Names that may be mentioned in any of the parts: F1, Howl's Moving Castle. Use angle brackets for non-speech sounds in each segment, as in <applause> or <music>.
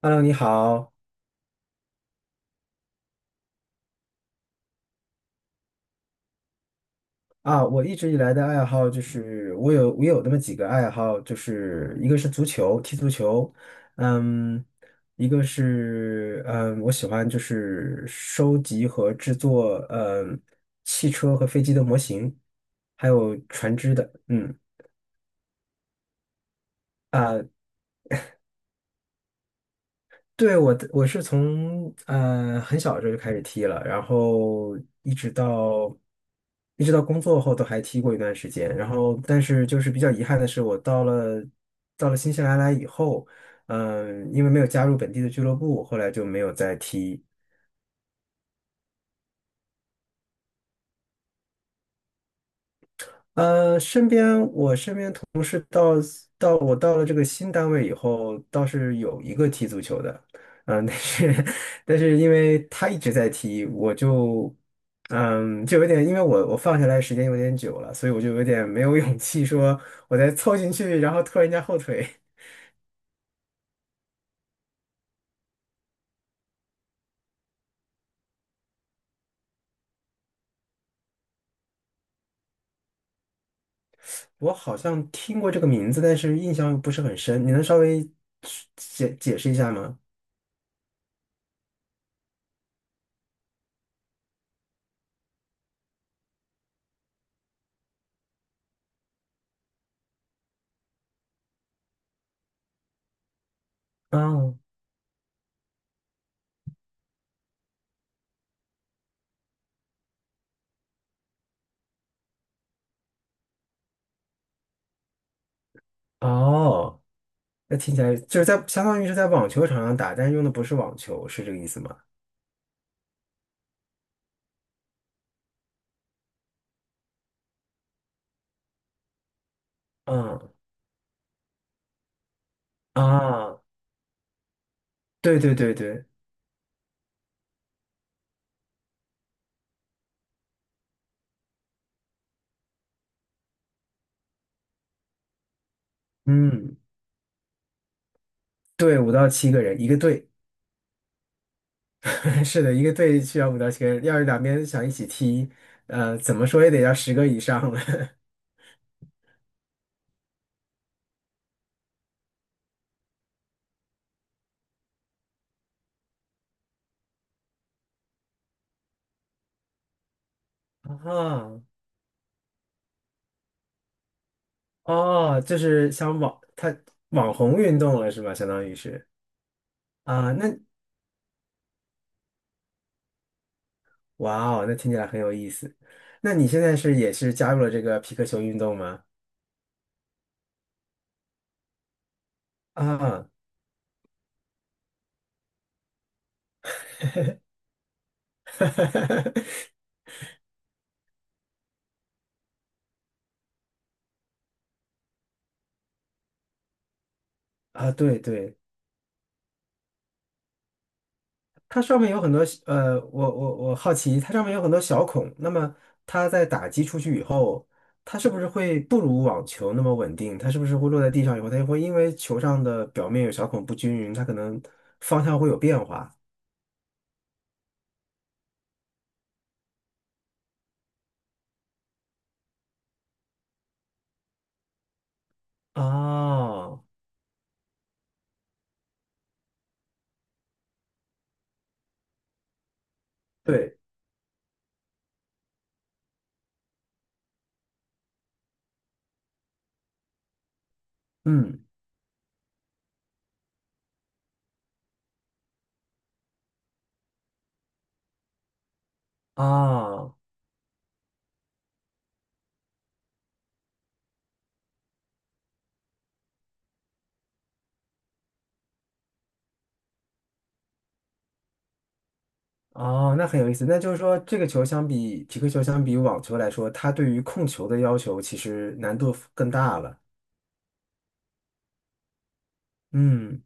Hello，你好啊！我一直以来的爱好就是我有那么几个爱好，就是一个是足球，踢足球，嗯，一个是我喜欢就是收集和制作汽车和飞机的模型，还有船只的，嗯。啊。对，我是从很小的时候就开始踢了，然后一直到一直到工作后都还踢过一段时间。然后，但是就是比较遗憾的是，我到了新西兰来以后，因为没有加入本地的俱乐部，后来就没有再踢。我身边同事到我到了这个新单位以后，倒是有一个踢足球的，但是 <laughs> 但是因为他一直在踢，我就就有点，因为我放下来时间有点久了，所以我就有点没有勇气说我再凑进去，然后拖人家后腿。我好像听过这个名字，但是印象不是很深，你能稍微解释一下吗？哦哦。那听起来就是在相当于是在网球场上打，但是用的不是网球，是这个意思吗？嗯啊，对对对对，嗯，对，五到七个人一个队，<laughs> 是的，一个队需要五到七个人，要是两边想一起踢，怎么说也得要10个以上了。<laughs> 啊，哦，就是它网红运动了是吧？相当于是啊，那哇哦，那听起来很有意思。那你现在是也是加入了这个皮克球运动吗？啊，<laughs> 啊，对对，它上面有很多呃，我好奇，它上面有很多小孔，那么它在打击出去以后，它是不是会不如网球那么稳定？它是不是会落在地上以后，它会因为球上的表面有小孔不均匀，它可能方向会有变化？哦，对，嗯，哦，哦，那很有意思。那就是说，这个球相比匹克球相比网球来说，它对于控球的要求其实难度更大了。嗯。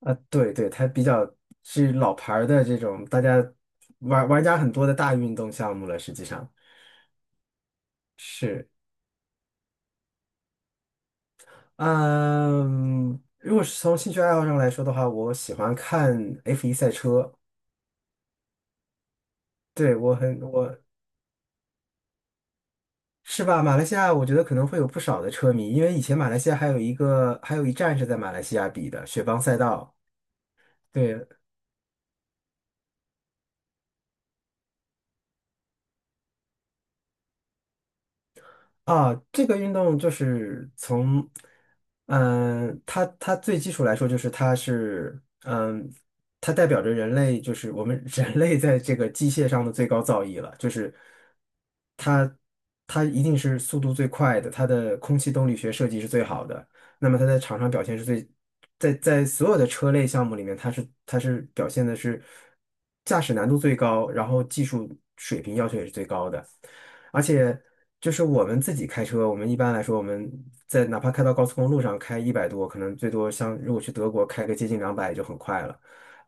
啊，对对，它比较是老牌儿的这种，大家玩家很多的大运动项目了，实际上是，嗯，如果是从兴趣爱好上来说的话，我喜欢看 F1 赛车，对，我是吧？马来西亚我觉得可能会有不少的车迷，因为以前马来西亚还有一站是在马来西亚比的雪邦赛道，对。啊，这个运动就是从，它最基础来说就是它是，它代表着人类，就是我们 <laughs> 人类在这个机械上的最高造诣了，就是它它一定是速度最快的，它的空气动力学设计是最好的，那么它在场上表现是最，在所有的车类项目里面，它是表现的是驾驶难度最高，然后技术水平要求也是最高的。而且就是我们自己开车，我们一般来说，我们在哪怕开到高速公路上开100多，可能最多像如果去德国开个接近两百就很快了。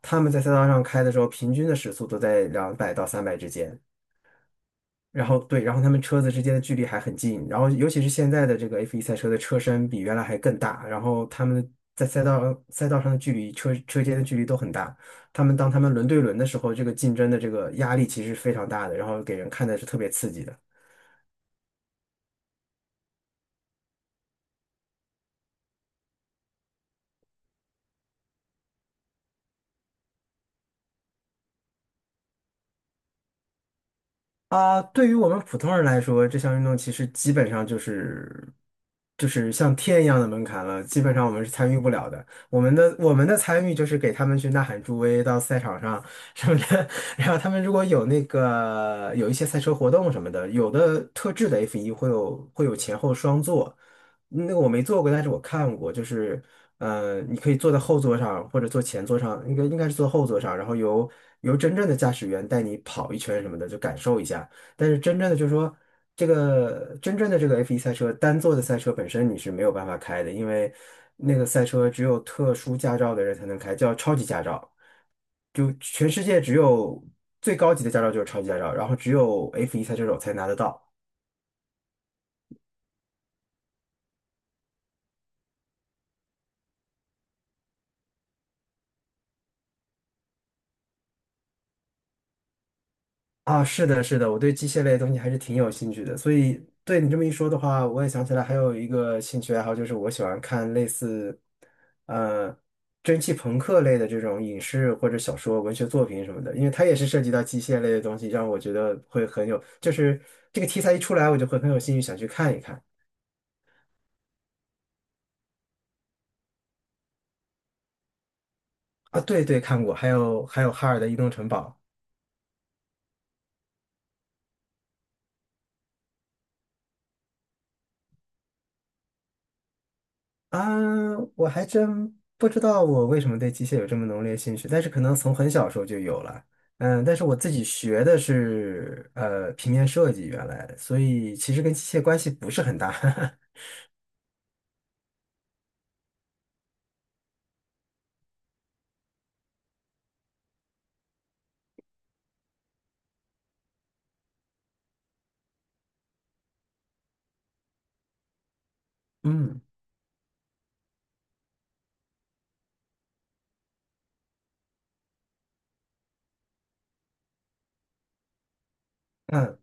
他们在赛道上开的时候，平均的时速都在200到300之间。然后对，然后他们车子之间的距离还很近。然后尤其是现在的这个 F1 赛车的车身比原来还更大，然后他们在赛道上的距离，车车间的距离都很大。当他们轮对轮的时候，这个竞争的这个压力其实是非常大的，然后给人看的是特别刺激的。啊，对于我们普通人来说，这项运动其实基本上就是像天一样的门槛了，基本上我们是参与不了的。我们的参与就是给他们去呐喊助威，到赛场上什么的。<laughs> 然后他们如果有那个有一些赛车活动什么的，有的特制的 f 一会有前后双座，那个我没坐过，但是我看过，就是，你可以坐在后座上或者坐前座上，应该是坐后座上，然后由真正的驾驶员带你跑一圈什么的，就感受一下。但是真正的就是说，这个真正的这个 F1 赛车单座的赛车本身你是没有办法开的，因为那个赛车只有特殊驾照的人才能开，叫超级驾照。就全世界只有最高级的驾照就是超级驾照，然后只有 F1 赛车手才拿得到。啊，是的，是的，我对机械类的东西还是挺有兴趣的，所以对你这么一说的话，我也想起来还有一个兴趣爱好，就是我喜欢看类似，呃，蒸汽朋克类的这种影视或者小说、文学作品什么的，因为它也是涉及到机械类的东西，让我觉得会很有，就是这个题材一出来，我就会很有兴趣想去看一看。啊，对对，看过，还有哈尔的移动城堡。啊，我还真不知道我为什么对机械有这么浓烈兴趣，但是可能从很小时候就有了。嗯，但是我自己学的是平面设计，原来，所以其实跟机械关系不是很大。<laughs> 嗯，嗯。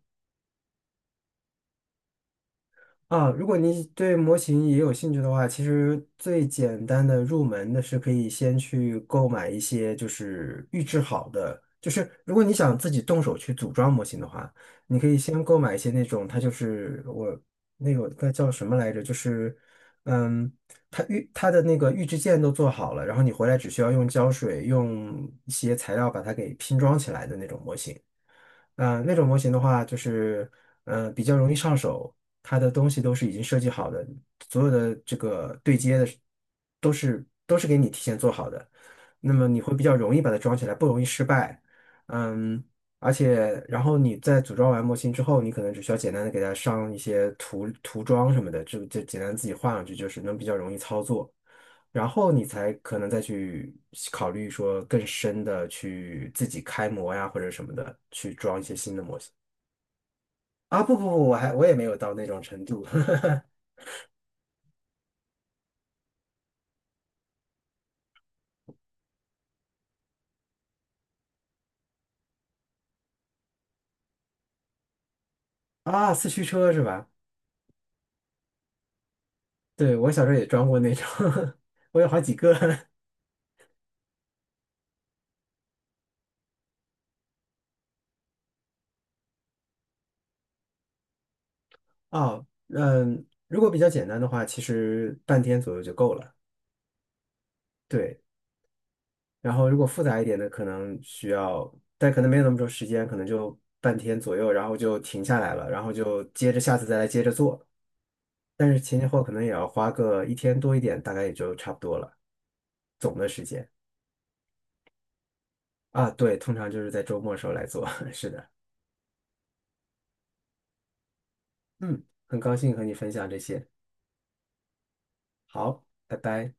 啊，如果你对模型也有兴趣的话，其实最简单的入门的是可以先去购买一些就是预制好的，就是如果你想自己动手去组装模型的话，你可以先购买一些那种，它就是我那个它叫什么来着，就是嗯，它的那个预制件都做好了，然后你回来只需要用胶水用一些材料把它给拼装起来的那种模型。那种模型的话，就是比较容易上手，它的东西都是已经设计好的，所有的这个对接的都是给你提前做好的，那么你会比较容易把它装起来，不容易失败。嗯，而且然后你在组装完模型之后，你可能只需要简单的给它上一些涂装什么的，就简单自己画上去，就是能比较容易操作。然后你才可能再去考虑说更深的去自己开模呀或者什么的，去装一些新的模型。啊，不不不，我也没有到那种程度 <laughs> 啊，四驱车是吧？对，我小时候也装过那种，<laughs> 我有好几个 <laughs> 哦，嗯，如果比较简单的话，其实半天左右就够了。对，然后如果复杂一点的，可能需要，但可能没有那么多时间，可能就半天左右，然后就停下来了，然后就接着下次再来接着做。但是前前后后可能也要花个一天多一点，大概也就差不多了，总的时间啊。对，通常就是在周末时候来做。<laughs> 是的，嗯，很高兴和你分享这些。好，拜拜。